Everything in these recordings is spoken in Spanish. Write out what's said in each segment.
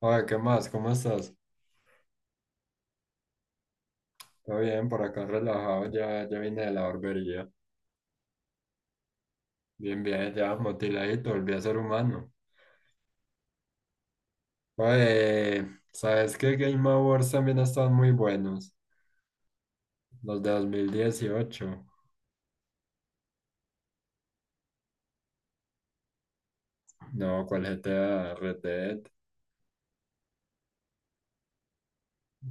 Oye, ¿qué más? ¿Cómo estás? Todo bien, por acá relajado, ya vine de la barbería. Bien, bien, ya motiladito, volví a ser humano. Oye, ¿sabes qué Game Awards también están muy buenos? Los de 2018. No, ¿cuál GTA? Red Dead.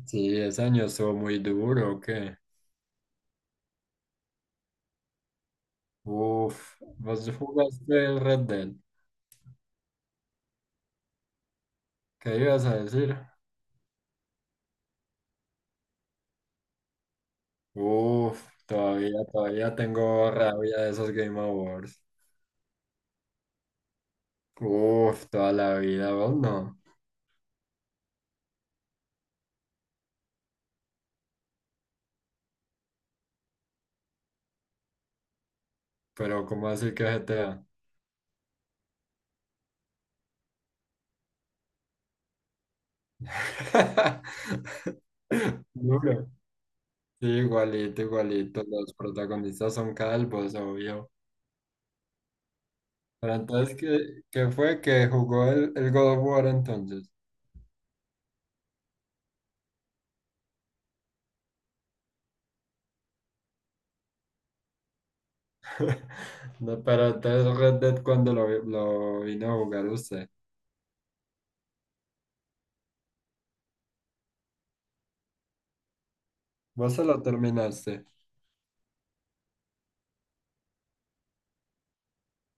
Sí, ese año estuvo muy duro, ¿o qué? Uf, ¿vos jugaste el Red Dead? ¿Qué ibas a decir? Uf, todavía tengo rabia de esos Game Awards. Uf, toda la vida, vos no. Pero ¿cómo así que GTA? Duro. Sí, igualito, igualito. Los protagonistas son calvos, obvio. Pero entonces, ¿qué fue que jugó el God of War entonces? No, pero entonces Red Dead cuando lo, lo vino a jugar usted. Vos se lo terminaste.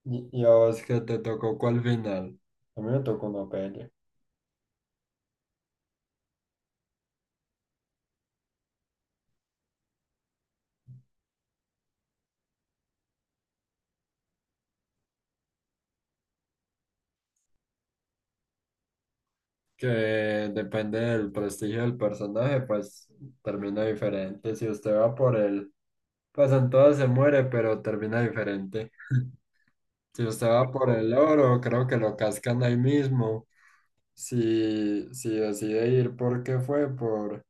Y a vos qué te tocó cuál final. A mí me tocó una pelea. Que depende del prestigio del personaje, pues termina diferente. Si usted va por el... Pues en todas se muere, pero termina diferente. Si usted va por el oro, creo que lo cascan ahí mismo. Si, si decide ir, ¿por qué fue? Por,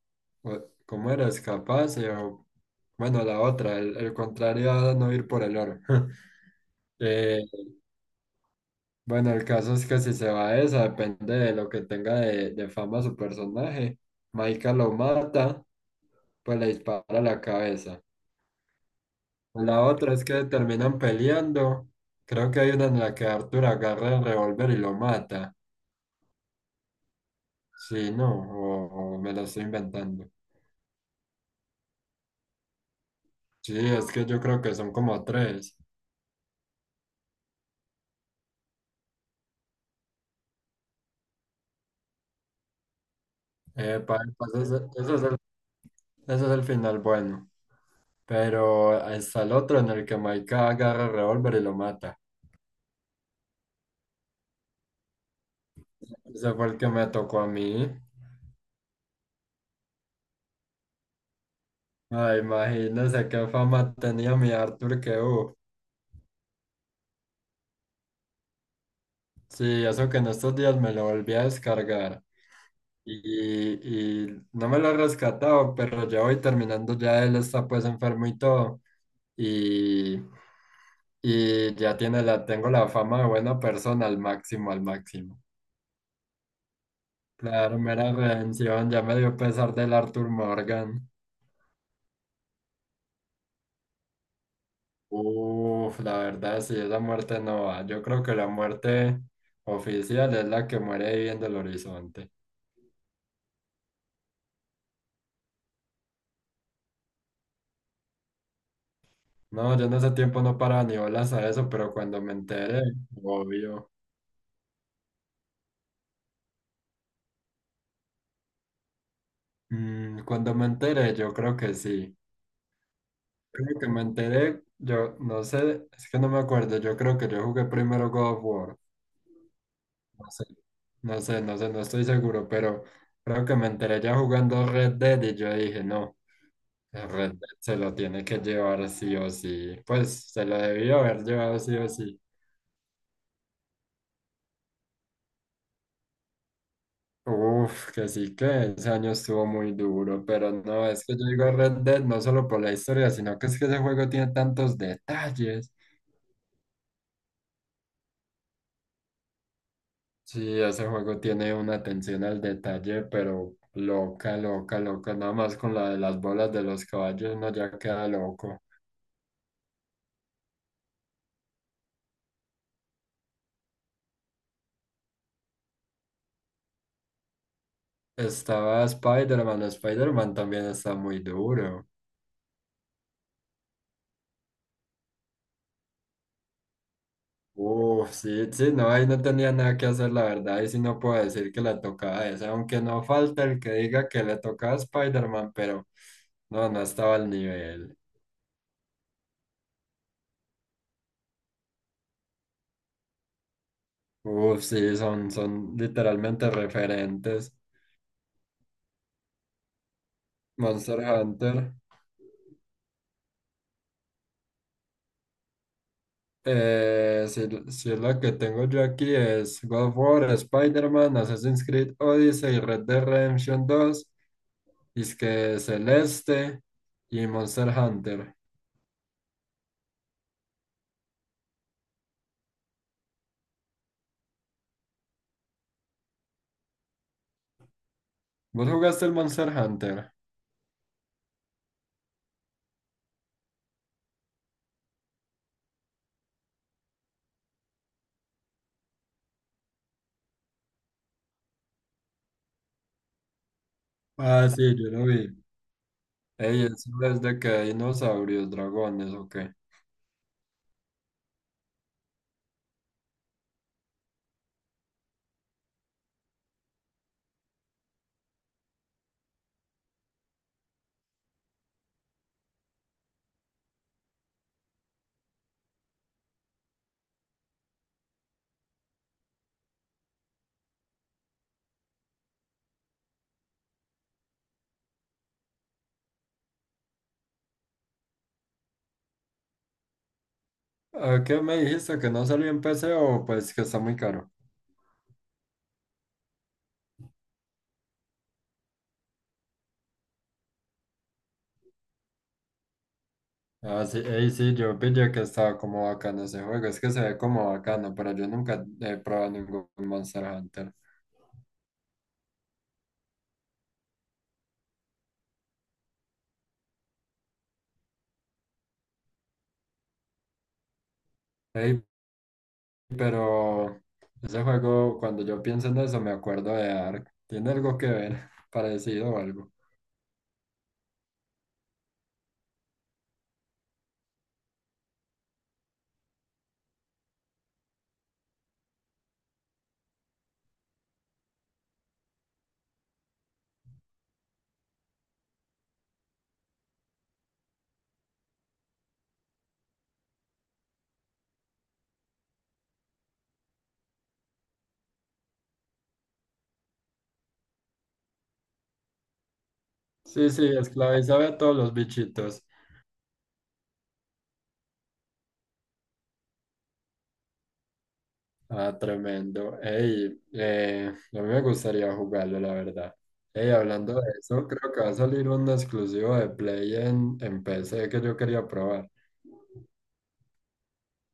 ¿cómo era? Escaparse o, bueno, la otra, el contrario a no ir por el oro. Eh, bueno, el caso es que si se va a esa, depende de lo que tenga de fama su personaje. Maika lo mata, pues le dispara la cabeza. La otra es que terminan peleando. Creo que hay una en la que Arthur agarra el revólver y lo mata. Sí, no, o me lo estoy inventando. Sí, es que yo creo que son como tres. Epa, epa, ese es el, ese es el final bueno. Pero está el otro en el que Maika agarra el revólver y lo mata. Ese fue el que me tocó a mí. Ay, imagínese qué fama tenía mi Arthur que hubo. Sí, eso que en estos días me lo volví a descargar. Y no me lo he rescatado, pero ya voy terminando, ya él está pues enfermo y todo, y, y ya tiene la, tengo la fama de buena persona al máximo, al máximo. Claro, mera redención, ya me dio pesar del Arthur Morgan. Uf, la verdad, sí, esa muerte no va. Yo creo que la muerte oficial es la que muere ahí viendo el horizonte. No, yo en ese tiempo no paraba ni bolas a eso, pero cuando me enteré, obvio. Cuando me enteré, yo creo que sí. Creo que me enteré, yo no sé, es que no me acuerdo, yo creo que yo jugué primero God of War. No sé, no sé, no estoy seguro, pero creo que me enteré ya jugando Red Dead y yo dije, no, el Red Dead se lo tiene que llevar sí o sí. Pues se lo debió haber llevado sí o sí. Uf, que sí, que ese año estuvo muy duro, pero no, es que yo digo Red Dead no solo por la historia, sino que es que ese juego tiene tantos detalles. Sí, ese juego tiene una atención al detalle, pero loca, loca, loca. Nada más con la de las bolas de los caballos uno ya queda loco. Estaba Spider-Man, Spider-Man también está muy duro. Uf, sí, sí, no, ahí no tenía nada que hacer, la verdad, y sí no puedo decir que le tocaba esa, aunque no falta el que diga que le tocaba a Spider-Man, pero no, no estaba al nivel. Uf, sí, son, son literalmente referentes. Monster Hunter. Eh, si, si es la que tengo yo aquí es God of War, Spider-Man, Assassin's Creed Odyssey, Red Dead Redemption 2, es que Celeste y Monster Hunter. ¿Vos jugaste el Monster Hunter? Ah, sí, yo lo vi. Ey, eso es de que hay dinosaurios, dragones o qué. Ah, ¿qué me dijiste? ¿Que no salió en PC o pues que está muy caro? Ah, sí, ey, sí, yo pillé que estaba como bacano ese juego. Es que se ve como bacano, pero yo nunca he probado ningún Monster Hunter. Ey, pero ese juego, cuando yo pienso en eso, me acuerdo de Ark. ¿Tiene algo que ver? Parecido o algo. Sí, sí, esclavizaba a todos los bichitos. Ah, tremendo. Ey, a mí me gustaría jugarlo, la verdad. Ey, hablando de eso, creo que va a salir un exclusivo de Play en PC que yo quería probar.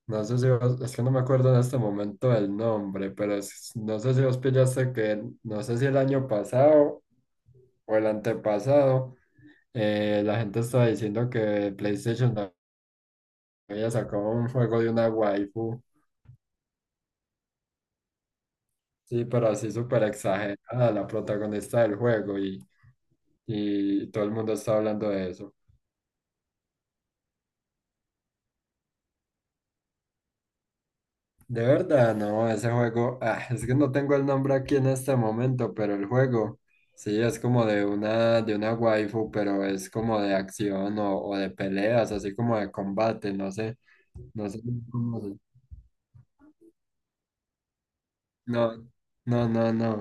No sé si vos, es que no me acuerdo en este momento del nombre, pero no sé si vos pillaste que, no sé si el año pasado o el antepasado. La gente está diciendo que PlayStation no había sacado un juego de una waifu, sí, pero así súper exagerada, la protagonista del juego, y todo el mundo está hablando de eso. De verdad, no, ese juego, ah, es que no tengo el nombre aquí en este momento, pero el juego, sí, es como de una waifu, pero es como de acción o de peleas, así como de combate, no sé, no sé cómo se... No, no.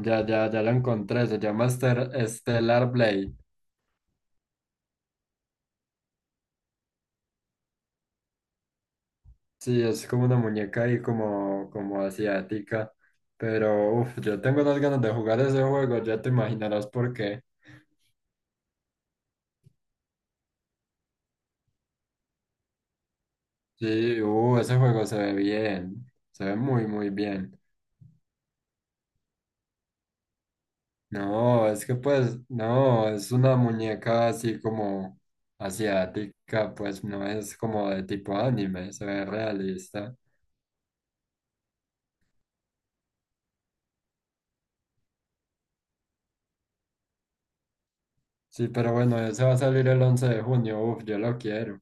Ya la encontré. Se llama Stellar Blade. Sí, es como una muñeca ahí como, como asiática. Pero, uff, yo tengo unas ganas de jugar ese juego. Ya te imaginarás por qué. Sí, ese juego se ve bien. Se ve muy, muy bien. No, es que pues, no, es una muñeca así como asiática. Pues no es como de tipo anime. Se ve realista. Sí, pero bueno, ese va a salir el 11 de junio. Uf, yo lo quiero.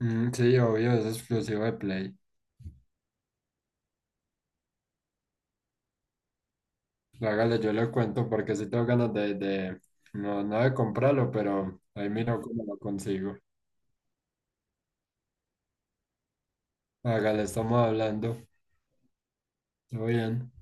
Mm, sí, obvio, es exclusivo de Play. Hágale, yo le cuento porque sí tengo ganas de, no, no de comprarlo, pero ahí miro cómo lo consigo. Hágale, estamos hablando. Todo bien.